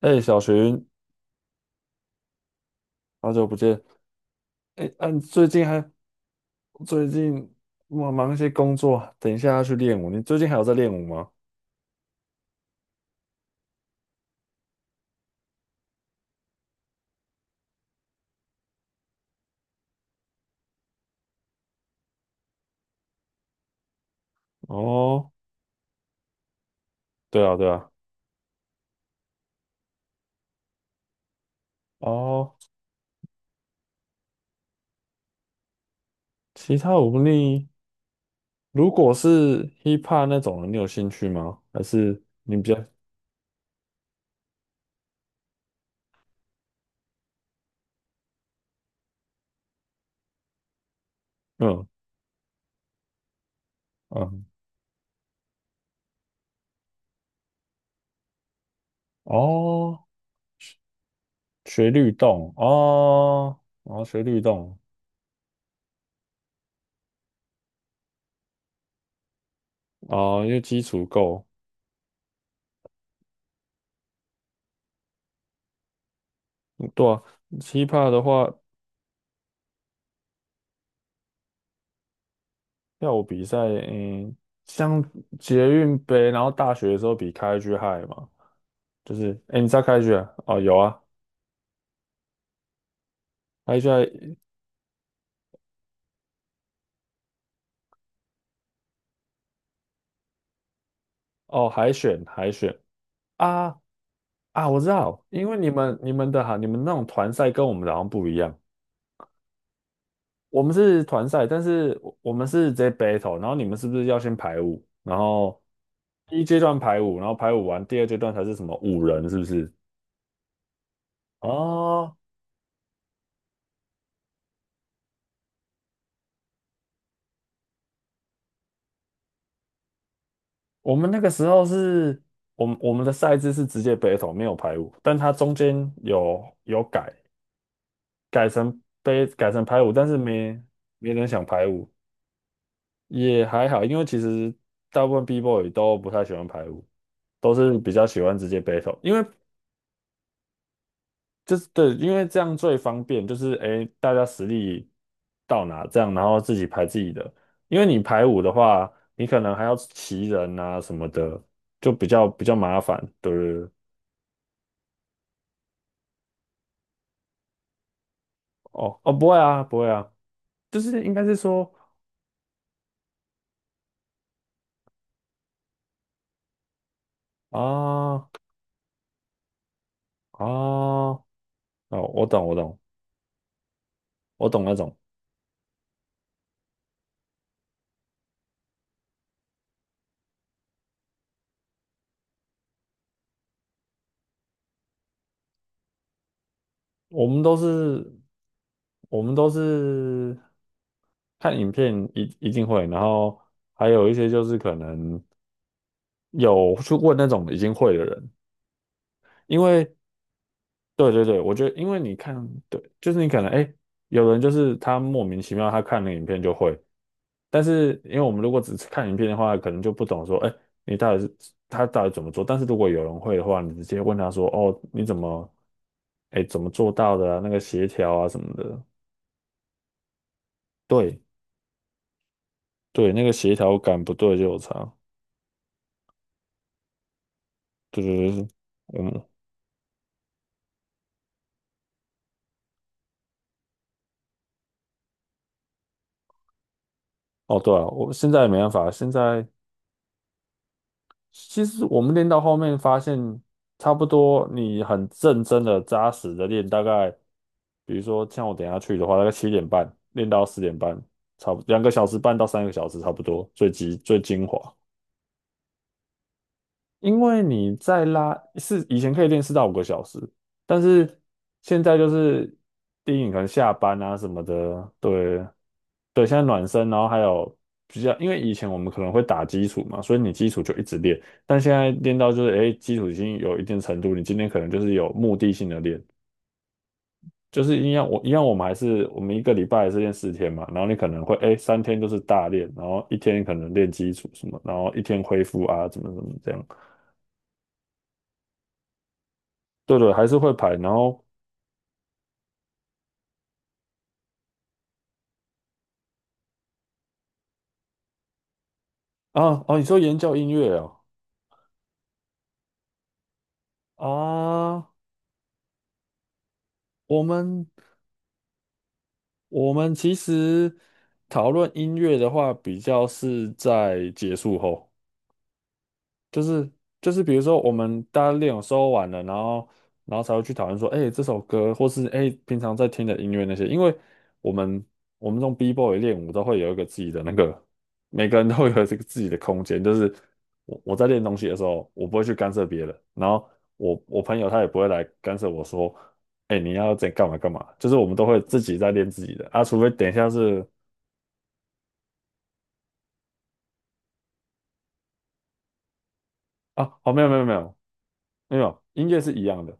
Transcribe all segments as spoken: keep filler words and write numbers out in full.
哎，小寻，好久不见。哎，嗯，你最近还最近我忙一些工作，等一下要去练舞。你最近还有在练舞吗？哦，对啊，对啊，哦，其他舞你如果是 hip hop 那种的你有兴趣吗？还是你比较嗯嗯哦，学律动哦，然后学律动哦，因为基础够。嗯对啊，hip hop 的话。跳舞比赛，嗯，像捷运杯，然后大学的时候比开 G h i 嘛，就是，哎，你知道开 G h 哦，有啊，开 G h 哦，海选海选啊啊，我知道，因为你们你们的哈，你们那种团赛跟我们的好像不一样，我们是团赛，但是我我们是直接 battle，然后你们是不是要先排舞，然后第一阶段排舞，然后排舞完第二阶段才是什么五人，是不是？哦我们那个时候是，我们我们的赛制是直接 battle，没有排舞，但它中间有有改，改成杯改成排舞，但是没没人想排舞，也还好，因为其实大部分 B boy 都不太喜欢排舞，都是比较喜欢直接 battle，因为就是对，因为这样最方便，就是诶大家实力到哪这样，然后自己排自己的，因为你排舞的话，你可能还要骑人啊什么的，就比较比较麻烦，对。哦哦，不会啊，不会啊，就是应该是说啊啊哦，我懂，我懂，我懂那种，我们都是我们都是看影片一一定会，然后还有一些就是可能有去问那种已经会的人，因为对对对，我觉得因为你看，对，就是你可能哎，诶有人就是他莫名其妙他看了影片就会，但是因为我们如果只是看影片的话，可能就不懂说，哎，你到底是他到底怎么做？但是如果有人会的话，你直接问他说，哦，你怎么，哎，怎么做到的啊？那个协调啊什么的，对对，那个协调感不对就有差。对对对，对嗯，哦对啊，我现在没办法，现在。其实我们练到后面发现，差不多你很认真的、扎实的练，大概比如说像我等一下去的话，大概七点半练到十点半，差不两个小时半到三个小时差不多，最极最精华。因为你在拉是以前可以练四到五个小时，但是现在就是第一，你可能下班啊什么的，对对，现在暖身，然后还有比较，因为以前我们可能会打基础嘛，所以你基础就一直练，但现在练到就是哎，基础已经有一定程度，你今天可能就是有目的性的练，就是一样我一样我们还是我们一个礼拜还是练四天嘛，然后你可能会哎三天就是大练，然后一天可能练基础什么，然后一天恢复啊怎么怎么这样。对对，还是会排。然后啊啊，你说研究音乐哦啊，我们我们其实讨论音乐的话，比较是在结束后。就是就是比如说我们大家练有时候完了，然后然后才会去讨论说，哎、这首歌或是哎、平常在听的音乐那些，因为我们我们这种 B-boy 练舞都会有一个自己的那个，每个人都会有这个自己的空间，就是我我在练东西的时候，我不会去干涉别人，然后我我朋友他也不会来干涉我说，哎、你要怎干嘛干嘛，就是我们都会自己在练自己的啊，除非等一下是啊，哦没有没有没有没有，音乐是一样的。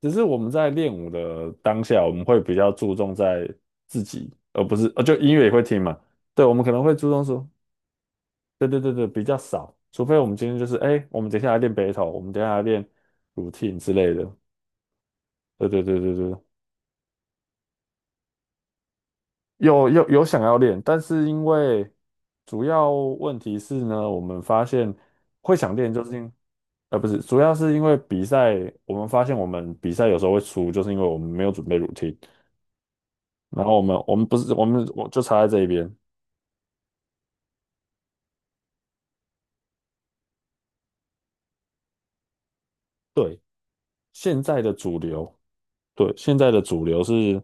只是我们在练舞的当下，我们会比较注重在自己，而不是呃，就音乐也会听嘛。对，我们可能会注重说，对对对对，比较少，除非我们今天就是，哎，我们等一下来练 battle，我们等一下来练 routine 之类的。对对对对对，有有有想要练，但是因为主要问题是呢，我们发现会想练，就是因呃不是，主要是因为比赛，我们发现我们比赛有时候会输，就是因为我们没有准备 routine。然后我们我们不是我们我就差在这一边。对，现在的主流，对，现在的主流是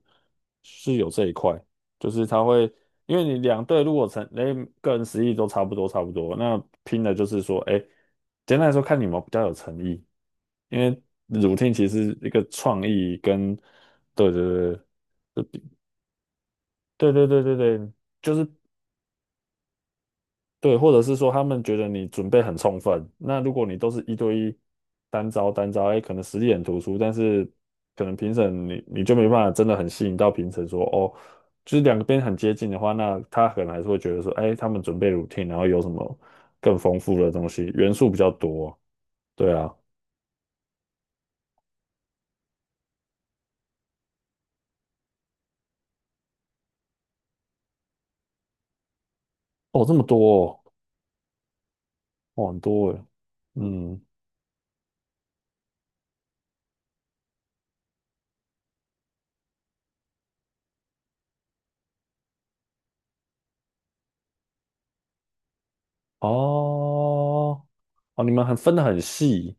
是有这一块，就是他会，因为你两队如果成，哎，个人实力都差不多差不多，那拼的就是说，哎，简单来说，看你们比较有诚意，因为 r o 其实一个创意跟，对对对。对对对对对，就是对，或者是说他们觉得你准备很充分，那如果你都是一对一单招单招，哎，可能实力很突出，但是可能评审你你就没办法真的很吸引到评审说哦，就是两边很接近的话，那他可能还是会觉得说，哎，他们准备 routine，然后有什么更丰富的东西，元素比较多，对啊，哦，这么多哦，哦很多哎，嗯，哦，哦，你们很分得很细，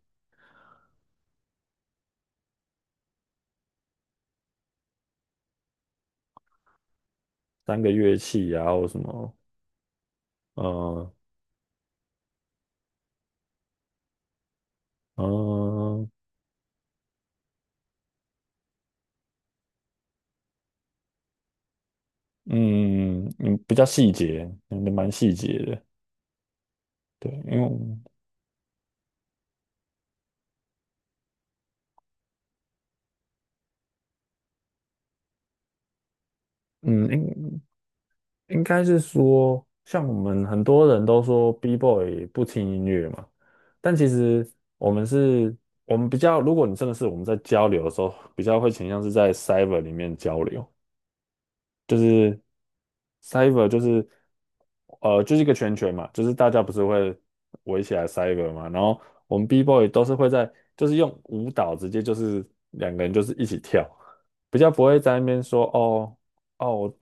三个乐器啊，或什么，嗯、嗯、嗯嗯，比较细节，嗯，蛮细节的，对，因为我们嗯，应应该是说，像我们很多人都说 B-boy 不听音乐嘛，但其实我们是，我们比较，如果你真的是我们在交流的时候，比较会倾向是在 cyber 里面交流，就是 cyber 就是呃就是一个圈圈嘛，就是大家不是会围起来 cyber 嘛，然后我们 B boy 都是会在就是用舞蹈直接就是两个人就是一起跳，比较不会在那边说哦哦，我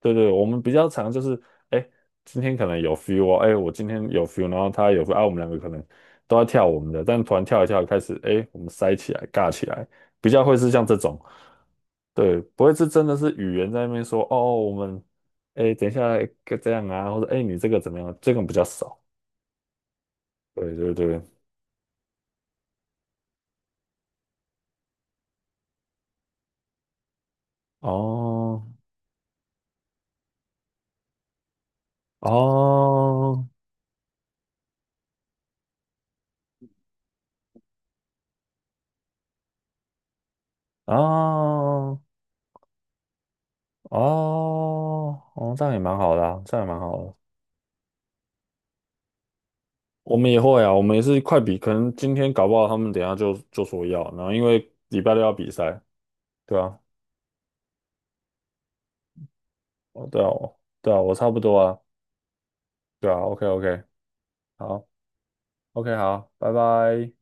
对对，我们比较常就是哎今天可能有 feel 哦，哎我今天有 feel，然后他有 feel，啊我们两个可能都要跳我们的，但突然跳一跳开始哎我们塞起来尬起来。比较会是像这种，对，不会是真的是语言在那边说哦，我们哎，等一下这样啊，或者哎，你这个怎么样？这个比较少，对对对，哦哦哦哦哦，这样也蛮好的啊，这样也蛮好的。我们也会啊，我们也是快比，可能今天搞不好他们等一下就就说要，然后因为礼拜六要比赛，对啊，哦对啊，哦对啊，我差不多啊，对啊，OK OK，好，OK 好，拜拜。